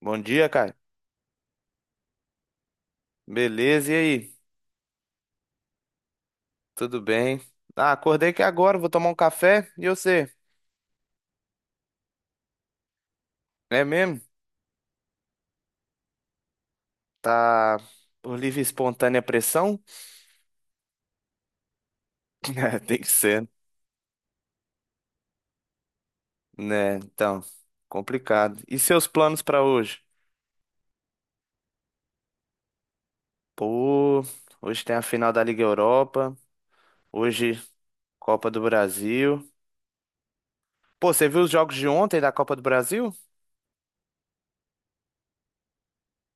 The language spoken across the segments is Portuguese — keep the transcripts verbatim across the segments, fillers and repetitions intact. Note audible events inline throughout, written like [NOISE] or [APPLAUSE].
Bom dia, Caio. Beleza, e aí? Tudo bem? Ah, acordei aqui agora, vou tomar um café. E você? É mesmo? Tá por livre e espontânea pressão? [LAUGHS] É, tem que ser, né? Então, complicado. E seus planos pra hoje? Pô, hoje tem a final da Liga Europa, hoje Copa do Brasil. Pô, você viu os jogos de ontem da Copa do Brasil?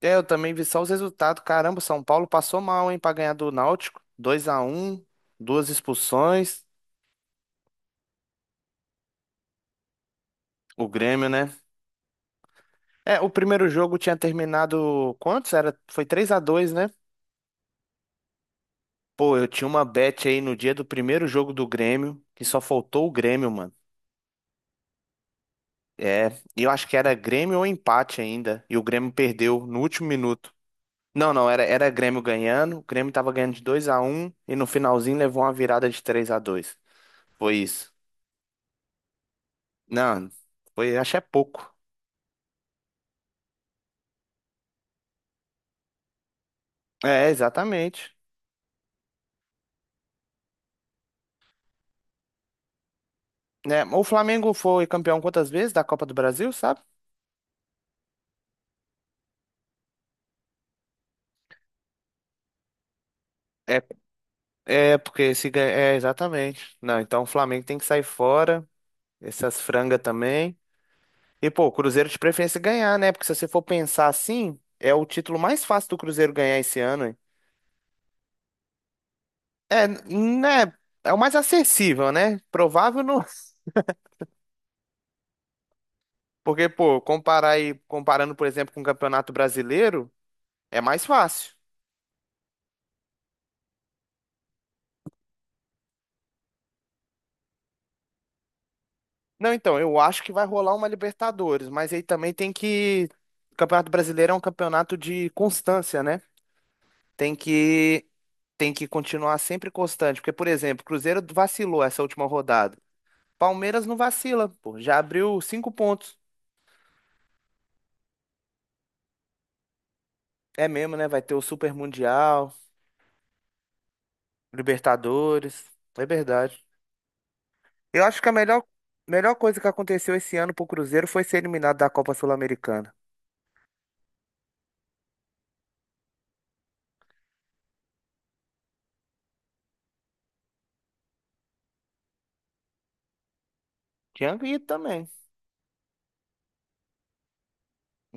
É, eu também vi só os resultados. Caramba, São Paulo passou mal, hein, pra ganhar do Náutico. Dois a um. Duas expulsões. O Grêmio, né? É, o primeiro jogo tinha terminado quantos? Era, foi três a dois, né? Pô, eu tinha uma bet aí no dia do primeiro jogo do Grêmio, que só faltou o Grêmio, mano. É, e eu acho que era Grêmio ou empate ainda, e o Grêmio perdeu no último minuto. Não, não, era, era Grêmio ganhando, o Grêmio tava ganhando de dois a um e no finalzinho levou uma virada de três a dois. Foi isso. Não, foi, acho que é pouco. É, exatamente. É, o Flamengo foi campeão quantas vezes da Copa do Brasil, sabe? É, É, porque se ganha. É, exatamente. Não, então o Flamengo tem que sair fora, essas frangas também. E, pô, o Cruzeiro de preferência ganhar, né? Porque se você for pensar assim, é o título mais fácil do Cruzeiro ganhar esse ano, hein? É, né? É o mais acessível, né? Provável não. [LAUGHS] Porque, pô, comparar aí, comparando, por exemplo, com o Campeonato Brasileiro, é mais fácil. Não, então, eu acho que vai rolar uma Libertadores, mas aí também tem que. O Campeonato Brasileiro é um campeonato de constância, né? Tem que tem que continuar sempre constante, porque, por exemplo, o Cruzeiro vacilou essa última rodada. Palmeiras não vacila, pô, já abriu cinco pontos. É mesmo, né? Vai ter o Super Mundial, Libertadores. É verdade. Eu acho que a melhor, melhor coisa que aconteceu esse ano pro Cruzeiro foi ser eliminado da Copa Sul-Americana. Tinha ido também.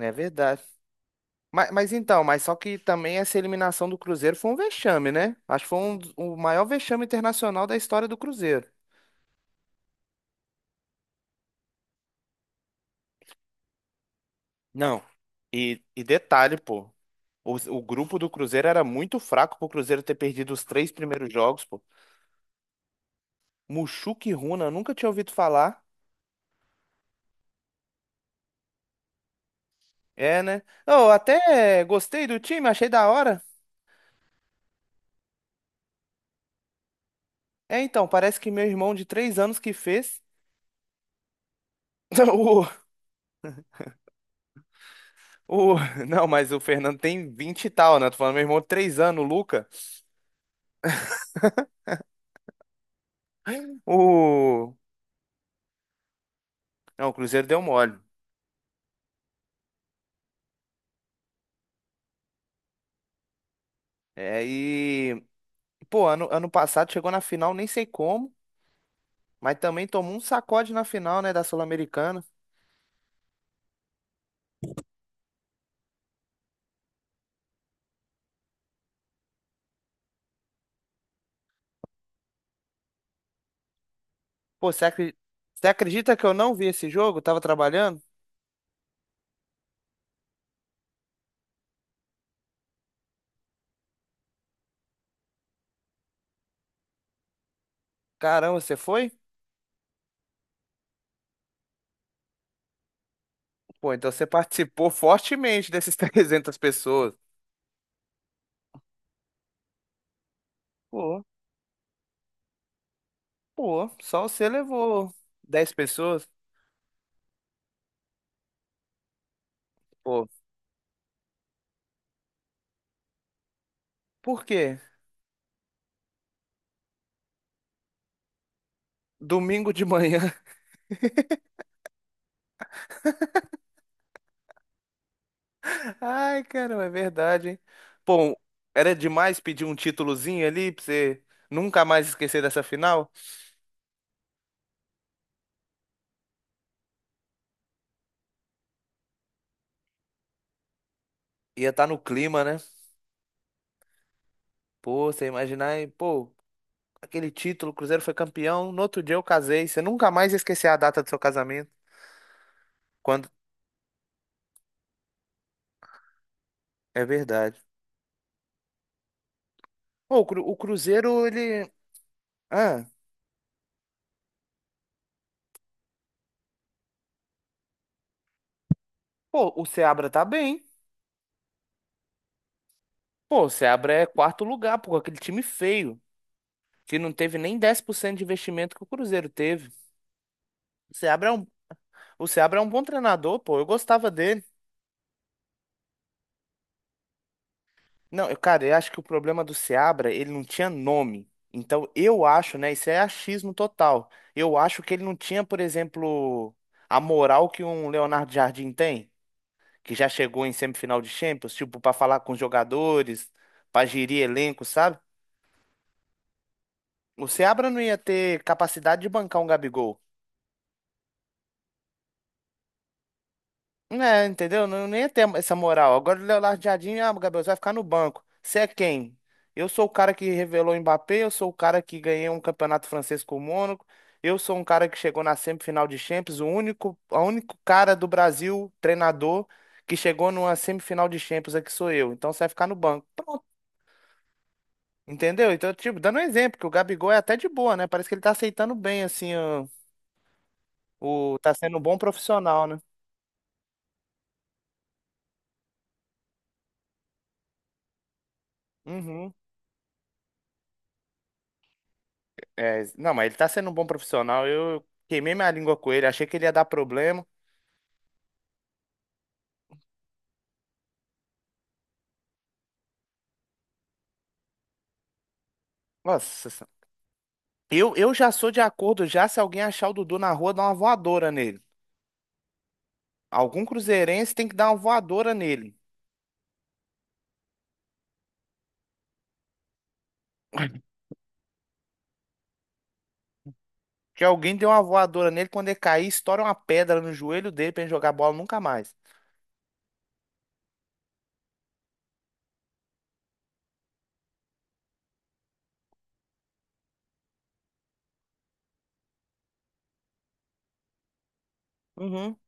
É verdade. Mas, mas então, mas só que também essa eliminação do Cruzeiro foi um vexame, né? Acho que foi um, dos- o maior vexame internacional da história do Cruzeiro. Não. E, e detalhe, pô. O, o grupo do Cruzeiro era muito fraco pro Cruzeiro ter perdido os três primeiros jogos, pô. Muxuque e Runa, eu nunca tinha ouvido falar. É, né? Eu até gostei do time, achei da hora. É, então, parece que meu irmão de três anos que fez. [LAUGHS] O, o, não, mas o Fernando tem vinte e tal, né? Tô falando meu irmão de três anos, o Luca. O, Não, o Cruzeiro deu mole. É, e, pô, ano, ano passado chegou na final, nem sei como, mas também tomou um sacode na final, né, da Sul-Americana. Pô, você acre- você acredita que eu não vi esse jogo? Eu tava trabalhando? Caramba, você foi? Pô, então você [LAUGHS] participou fortemente dessas [LAUGHS] trezentas pessoas. Pô, pô, só você levou dez pessoas? Pô, por quê? Domingo de manhã. Ai, caramba, é verdade, hein? Pô, era demais pedir um títulozinho ali pra você nunca mais esquecer dessa final? Ia estar no clima, né? Pô, você imaginar, e, pô, aquele título, o Cruzeiro foi campeão, no outro dia eu casei, você nunca mais ia esquecer a data do seu casamento. Quando... É verdade. Pô, o Cru- o Cruzeiro, ele... Ah, pô, o Seabra tá bem. Pô, o Seabra é quarto lugar, pô, aquele time feio, que não teve nem dez por cento de investimento que o Cruzeiro teve. O Seabra é um O Seabra é um bom treinador, pô. Eu gostava dele. Não, eu, cara, eu acho que o problema do Seabra, ele não tinha nome. Então, eu acho, né? Isso é achismo total. Eu acho que ele não tinha, por exemplo, a moral que um Leonardo Jardim tem, que já chegou em semifinal de Champions, tipo, pra falar com os jogadores, pra gerir elenco, sabe? O Seabra não ia ter capacidade de bancar um Gabigol. É, entendeu? Não, nem ia ter essa moral. Agora o Leonardo Jardim, ah, Gabriel, você vai ficar no banco. Você é quem? Eu sou o cara que revelou o Mbappé, eu sou o cara que ganhei um campeonato francês com o Mônaco, eu sou um cara que chegou na semifinal de Champions, o único, o único cara do Brasil, treinador, que chegou numa semifinal de Champions aqui sou eu. Então você vai ficar no banco. Pronto. Entendeu? Então, tipo, dando um exemplo, que o Gabigol é até de boa, né? Parece que ele tá aceitando bem, assim, o, o- tá sendo um bom profissional, né? Uhum. É, não, mas ele tá sendo um bom profissional. Eu queimei minha língua com ele, achei que ele ia dar problema. Nossa, sen- eu, eu já sou de acordo já se alguém achar o Dudu na rua, dar uma voadora nele. Algum cruzeirense tem que dar uma voadora nele. Que alguém deu uma voadora nele, quando ele cair, estoura uma pedra no joelho dele pra ele jogar bola nunca mais. Uhum. [LAUGHS]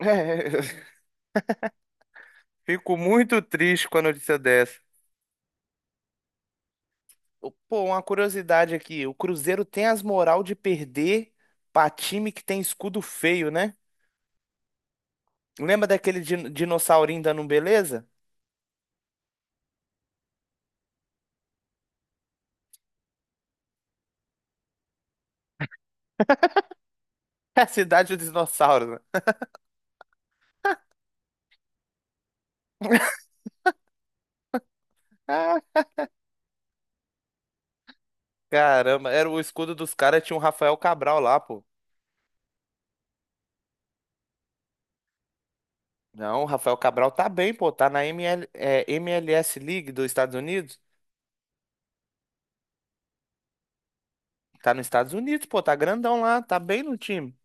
É, fico muito triste com a notícia dessa. Pô, uma curiosidade aqui, o Cruzeiro tem as moral de perder pra time que tem escudo feio, né? Lembra daquele din- dinossaurinho dando um beleza? [LAUGHS] É a cidade dos dinossauros, né? Ah, caramba, era o escudo dos caras, tinha um Rafael Cabral lá, pô. Não, o Rafael Cabral tá bem, pô, tá na M L é, M L S League dos Estados Unidos. Tá nos Estados Unidos, pô, tá grandão lá, tá bem no time.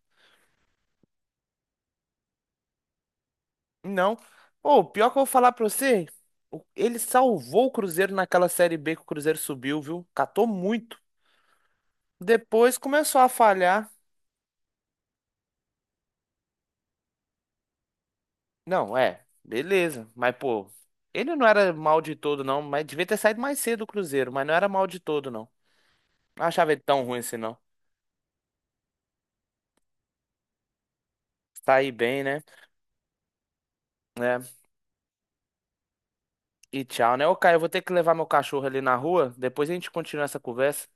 Não. Pô, pior que eu vou falar pra você, o- ele salvou o Cruzeiro naquela Série B que o Cruzeiro subiu, viu? Catou muito. Depois começou a falhar. Não, é, beleza. Mas, pô, ele não era mal de todo, não. Mas devia ter saído mais cedo do Cruzeiro, mas não era mal de todo, não. Não achava ele tão ruim assim, não. Saí bem, né? É. E tchau, né? Ô, Caio, eu vou ter que levar meu cachorro ali na rua. Depois a gente continua essa conversa.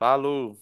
Falou!